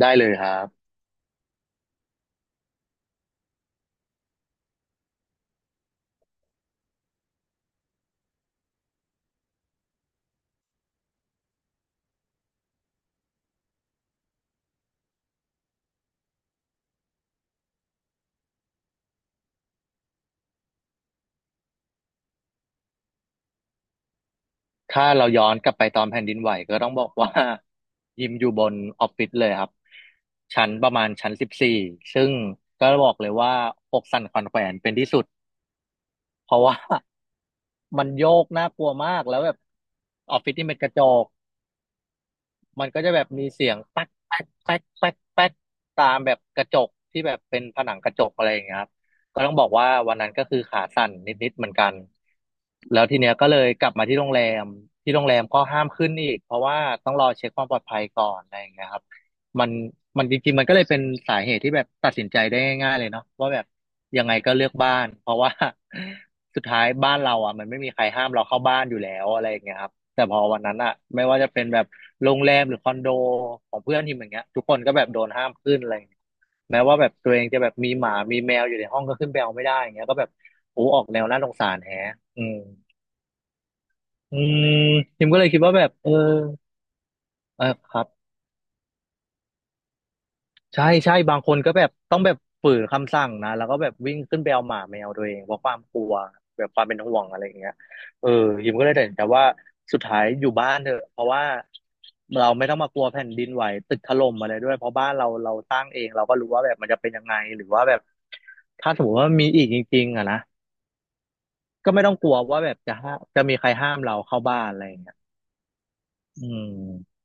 ได้เลยครับ ถ้าเราย้อนกลับไปตอนแผ่นดินไหวก็ต้องบอกว่า ยิมอยู่บนออฟฟิศเลยครับชั้นประมาณชั้น 14ซึ่งก็บอกเลยว่าอกสั่นขวัญแขวนเป็นที่สุดเพราะว่า มันโยกน่ากลัวมากแล้วแบบออฟฟิศนี่เป็นกระจก มันก็จะแบบมีเสียงแป๊กแป๊กแป๊กแป๊กแป๊กตามแบบกระจกที่แบบเป็นผนังกระจกอะไรอย่างเงี้ยครับก็ต้องบอกว่าวันนั้นก็คือขาสั่นนิดๆเหมือนกันแล้วทีเนี้ยก็เลยกลับมาที่โรงแรมที่โรงแรมก็ห้ามขึ้นอีกเพราะว่าต้องรอเช็คความปลอดภัยก่อนอะไรอย่างเงี้ยครับมันมันจริงๆมันก็เลยเป็นสาเหตุที่แบบตัดสินใจได้ง่ายๆเลยเนาะว่าแบบยังไงก็เลือกบ้านเพราะว่า สุดท้ายบ้านเราอ่ะมันไม่มีใครห้ามเราเข้าบ้านอยู่แล้วอะไรอย่างเงี้ยครับ แต่พอวันนั้นอะไม่ว่าจะเป็นแบบโรงแรมหรือคอนโดของเพื่อนทีมอย่างเงี้ยทุกคนก็แบบโดนห้ามขึ้นอะไรอย่างเงี้ยแม้ว่าแบบตัวเองจะแบบมีหมามีแมวอยู่ในห้องก็ขึ้นไปเอาไม่ได้อย่างเงี้ยก็แบบโอ้ออกแนวน่าสงสารแฮะอืมอืมทิมก็เลยคิดว่าแบบเออเออครับ ใช่ใช่บางคนก็แบบต้องแบบฝืนคำสั่งนะแล้วก็แบบวิ่งขึ้นไปเอาหมาแมวตัวเองเพราะความกลัวแบบความเป็นห่วงอะไรอย่างเงี้ยเออยิมก็เลยตัดสินใจว่าสุดท้ายอยู่บ้านเถอะเพราะว่าเราไม่ต้องมากลัวแผ่นดินไหวตึกถล่มอะไรด้วยเพราะบ้านเราเราสร้างเองเราก็รู้ว่าแบบมันจะเป็นยังไงหรือว่าแบบถ้าสมมติว่ามีอีกจริงๆอ่ะนะก็ไม่ต้องกลัวว่าแบบจะมีใครห้ามเราเข้าบ้านอะไรอย่างเงี้ยอืม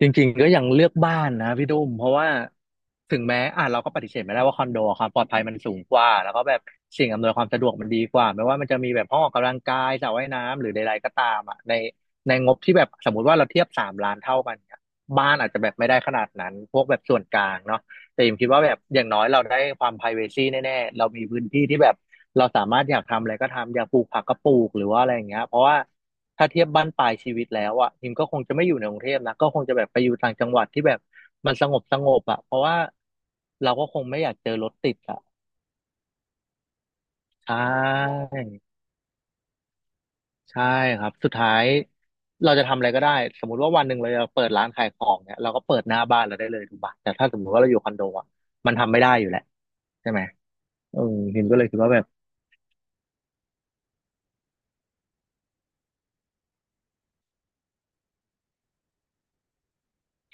จริงๆก็ยังเลือกบ้านนะพี่ดุ้มเพราะว่าถึงแม้อ่ะเราก็ปฏิเสธไม่ได้ว่าคอนโดความปลอดภัยมันสูงกว่าแล้วก็แบบสิ่งอำนวยความสะดวกมันดีกว่าไม่ว่ามันจะมีแบบห้องออกกำลังกายสระว่ายน้ำหรือใดๆก็ตามอ่ะในงบที่แบบสมมติว่าเราเทียบ3 ล้านเท่ากันเนี่ยบ้านอาจจะแบบไม่ได้ขนาดนั้นพวกแบบส่วนกลางเนาะ แต่อมคิดว่าแบบอย่างน้อยเราได้ความ privacy แน่ๆเรามีพื้นที่ที่แบบเราสามารถอยากทำอะไรก็ทำอยากปลูกผักก็ปลูกหรือว่าอะไรอย่างเงี้ยเพราะว่าถ้าเทียบบ้านปลายชีวิตแล้วอ่ะพิมก็คงจะไม่อยู่ในกรุงเทพนะก็คงจะแบบไปอยู่ต่างจังหวัดที่แบบมันสงบสงบอ่ะเพราะว่าเราก็คงไม่อยากเจอรถติดอ่ะใช่ใช่ครับสุดท้ายเราจะทำอะไรก็ได้สมมุติว่าวันหนึ่งเราจะเปิดร้านขายของเนี่ยเราก็เปิดหน้าบ้านเราได้เลยถูกปะแต่ถ้าสมมติว่าเราอยู่คอนโดอ่ะมันทำไม่ได้อยู่แหละใช่ไหม เออฮิมก็เลยคิดว่าแบบ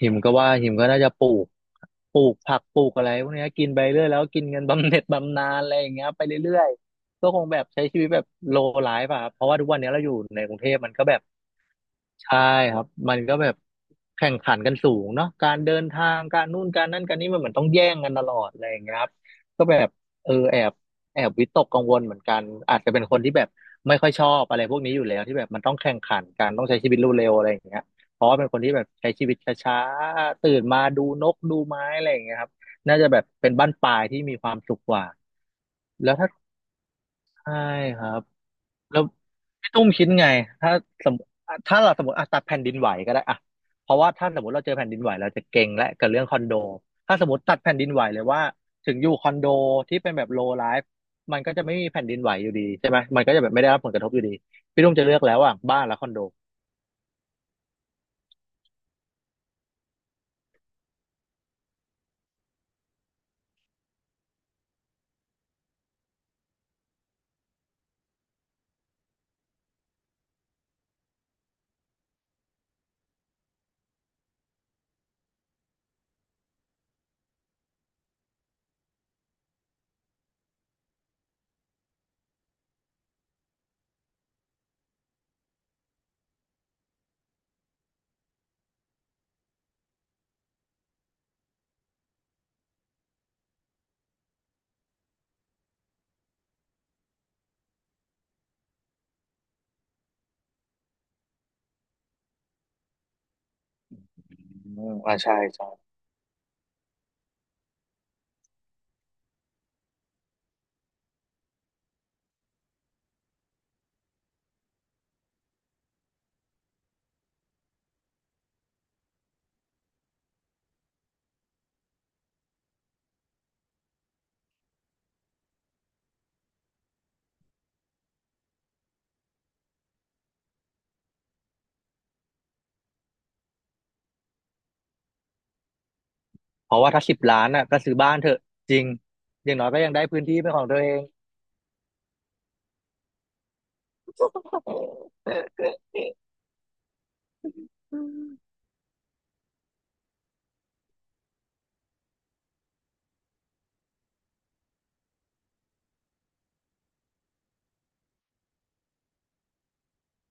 ฮิมก็ว่าฮิมก็น่าจะปลูกผักปลูกอะไรพวกเนี้ยกินไปเรื่อยแล้วกินเงินบำเหน็จบำนาญอะไรอย่างเงี้ยไปเรื่อยๆก็คงแบบใช้ชีวิตแบบโลไลฟ์อะครับเพราะว่าทุกวันเนี้ยเราอยู่ในกรุงเทพมันก็แบบ ใช่ครับ มันก็แบบแข่งขันกันสูงเนาะการเดินทางการนู่นการนั่นการนี้มันเหมือนต้องแย่งกันตลอดอะไรอย่างเงี้ยครับก็แบบเออแอบวิตกกังวลเหมือนกันอาจจะเป็นคนที่แบบไม่ค่อยชอบอะไรพวกนี้อยู่แล้วที่แบบมันต้องแข่งขันกันต้องใช้ชีวิตเร็วๆอะไรอย่างเงี้ยเพราะว่าเป็นคนที่แบบใช้ชีวิตช้าๆตื่นมาดูนกดูไม้อะไรอย่างเงี้ยครับน่าจะแบบเป็นบั้นปลายที่มีความสุขกว่าแล้วถ้า ใช่ครับแล้วพี่ตุ้มคิดไงถ้าสมมติถ้าเราสมมติอ่ะตัดแผ่นดินไหวก็ได้อ่ะเพราะว่าถ้าสมมติเราเจอแผ่นดินไหวเราจะเก่งและกับเรื่องคอนโดถ้าสมมติตัดแผ่นดินไหวเลยว่าถึงอยู่คอนโดที่เป็นแบบโลไลฟ์มันก็จะไม่มีแผ่นดินไหวอยู่ดีใช่ไหมมันก็จะแบบไม่ได้รับผลกระทบอยู่ดีพี่ตุ้มจะเลือกแล้วอ่ะบ้านและคอนโดอืมอ่าใช่ใช่เพราะว่าถ้า10 ล้านอ่ะก็ซื้อบ้านเถอะจริงอย่างน้อยก็ยังได้พื้นที่เป็นของตัวเอง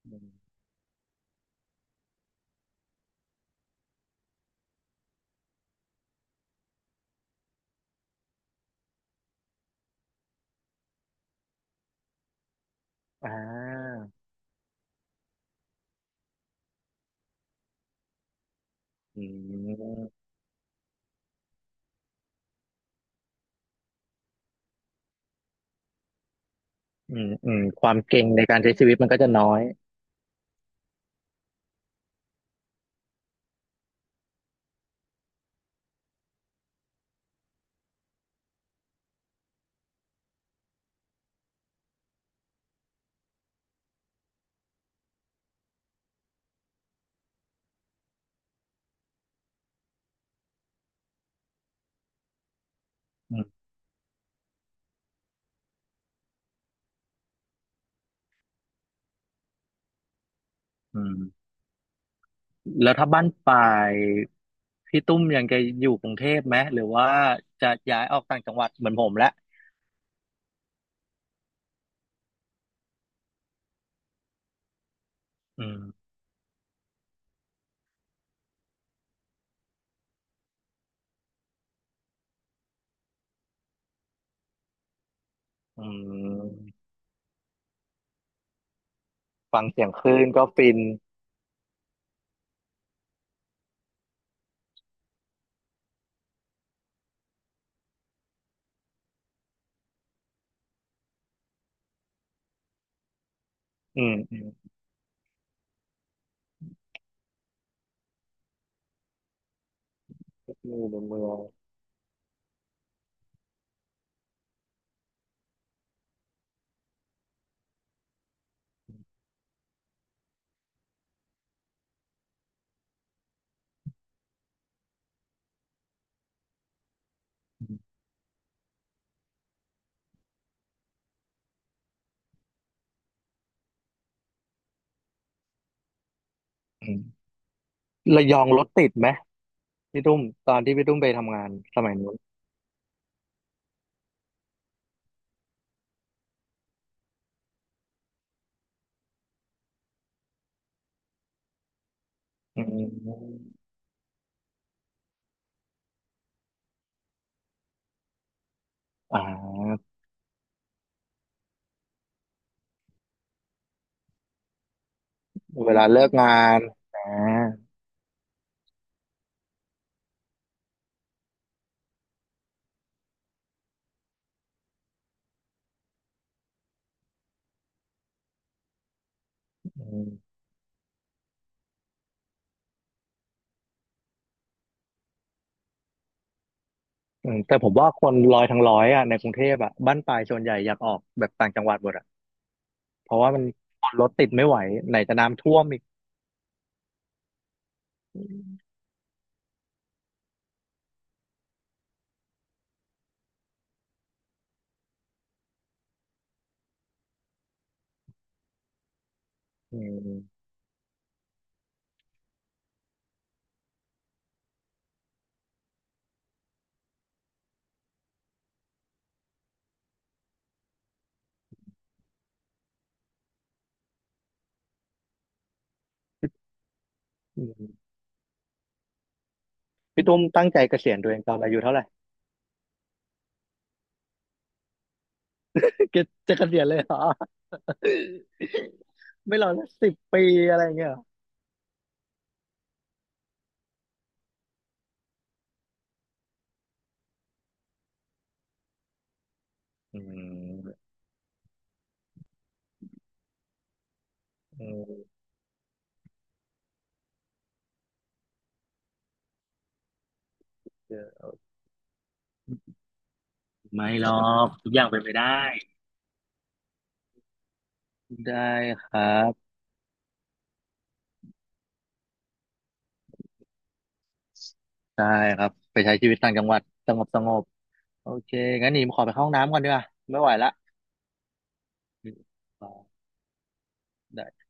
อมอ่าอืม อืมอืมความเก่งในการใช้ชีวิตมันก็จะน้อยอืมอืมแล้วถ้าบ้านปลายพี่ตุ้มยังจะอยู่กรุงเทพไหมหรือว่าจะย้ายออกต่างจังหวัดเหมือนผมแล้วอืมอืมฟังเสียงคลื่นก็ฟินอืมอืมก็อยู่ในเมืองอืมอืมระยองรถติดไหมพี่ตุ้มตอนที่พี่ตุ้มไปทำงานสมัยนู้นอืมอ่าเวลาเลิกงานอ่า อืมแต่ผมว่าคนร้อยทั้งร้อยอ่ะในกรุงเทพอ่ะบ้านปลายส่วนใหญ่อยากออกแบบต่างจังหวัดหมดอ่ะเพราะว่ามันรถติดไม่ไหวไหนจะน้ำท่วมอีกอืมอืมพี่ตุ้มตั้งใจเกษียณตัวเองตอนอายุเท่าไหร่ จะจะเกษียณเลยเหรอ ไม่รอสัก10 ปีอะไรเงี้ยเหรออืมอืมไม่หรอกทุกอย่างเป็นไปได้ได้ครับได้ครับไปใช้ชีวิตต่างจังหวัดสงบสงบโอเคงั้นหนีมขอไปเข้าห้องน้ำก่อนดีกว่าไม่ไหวละอืมได้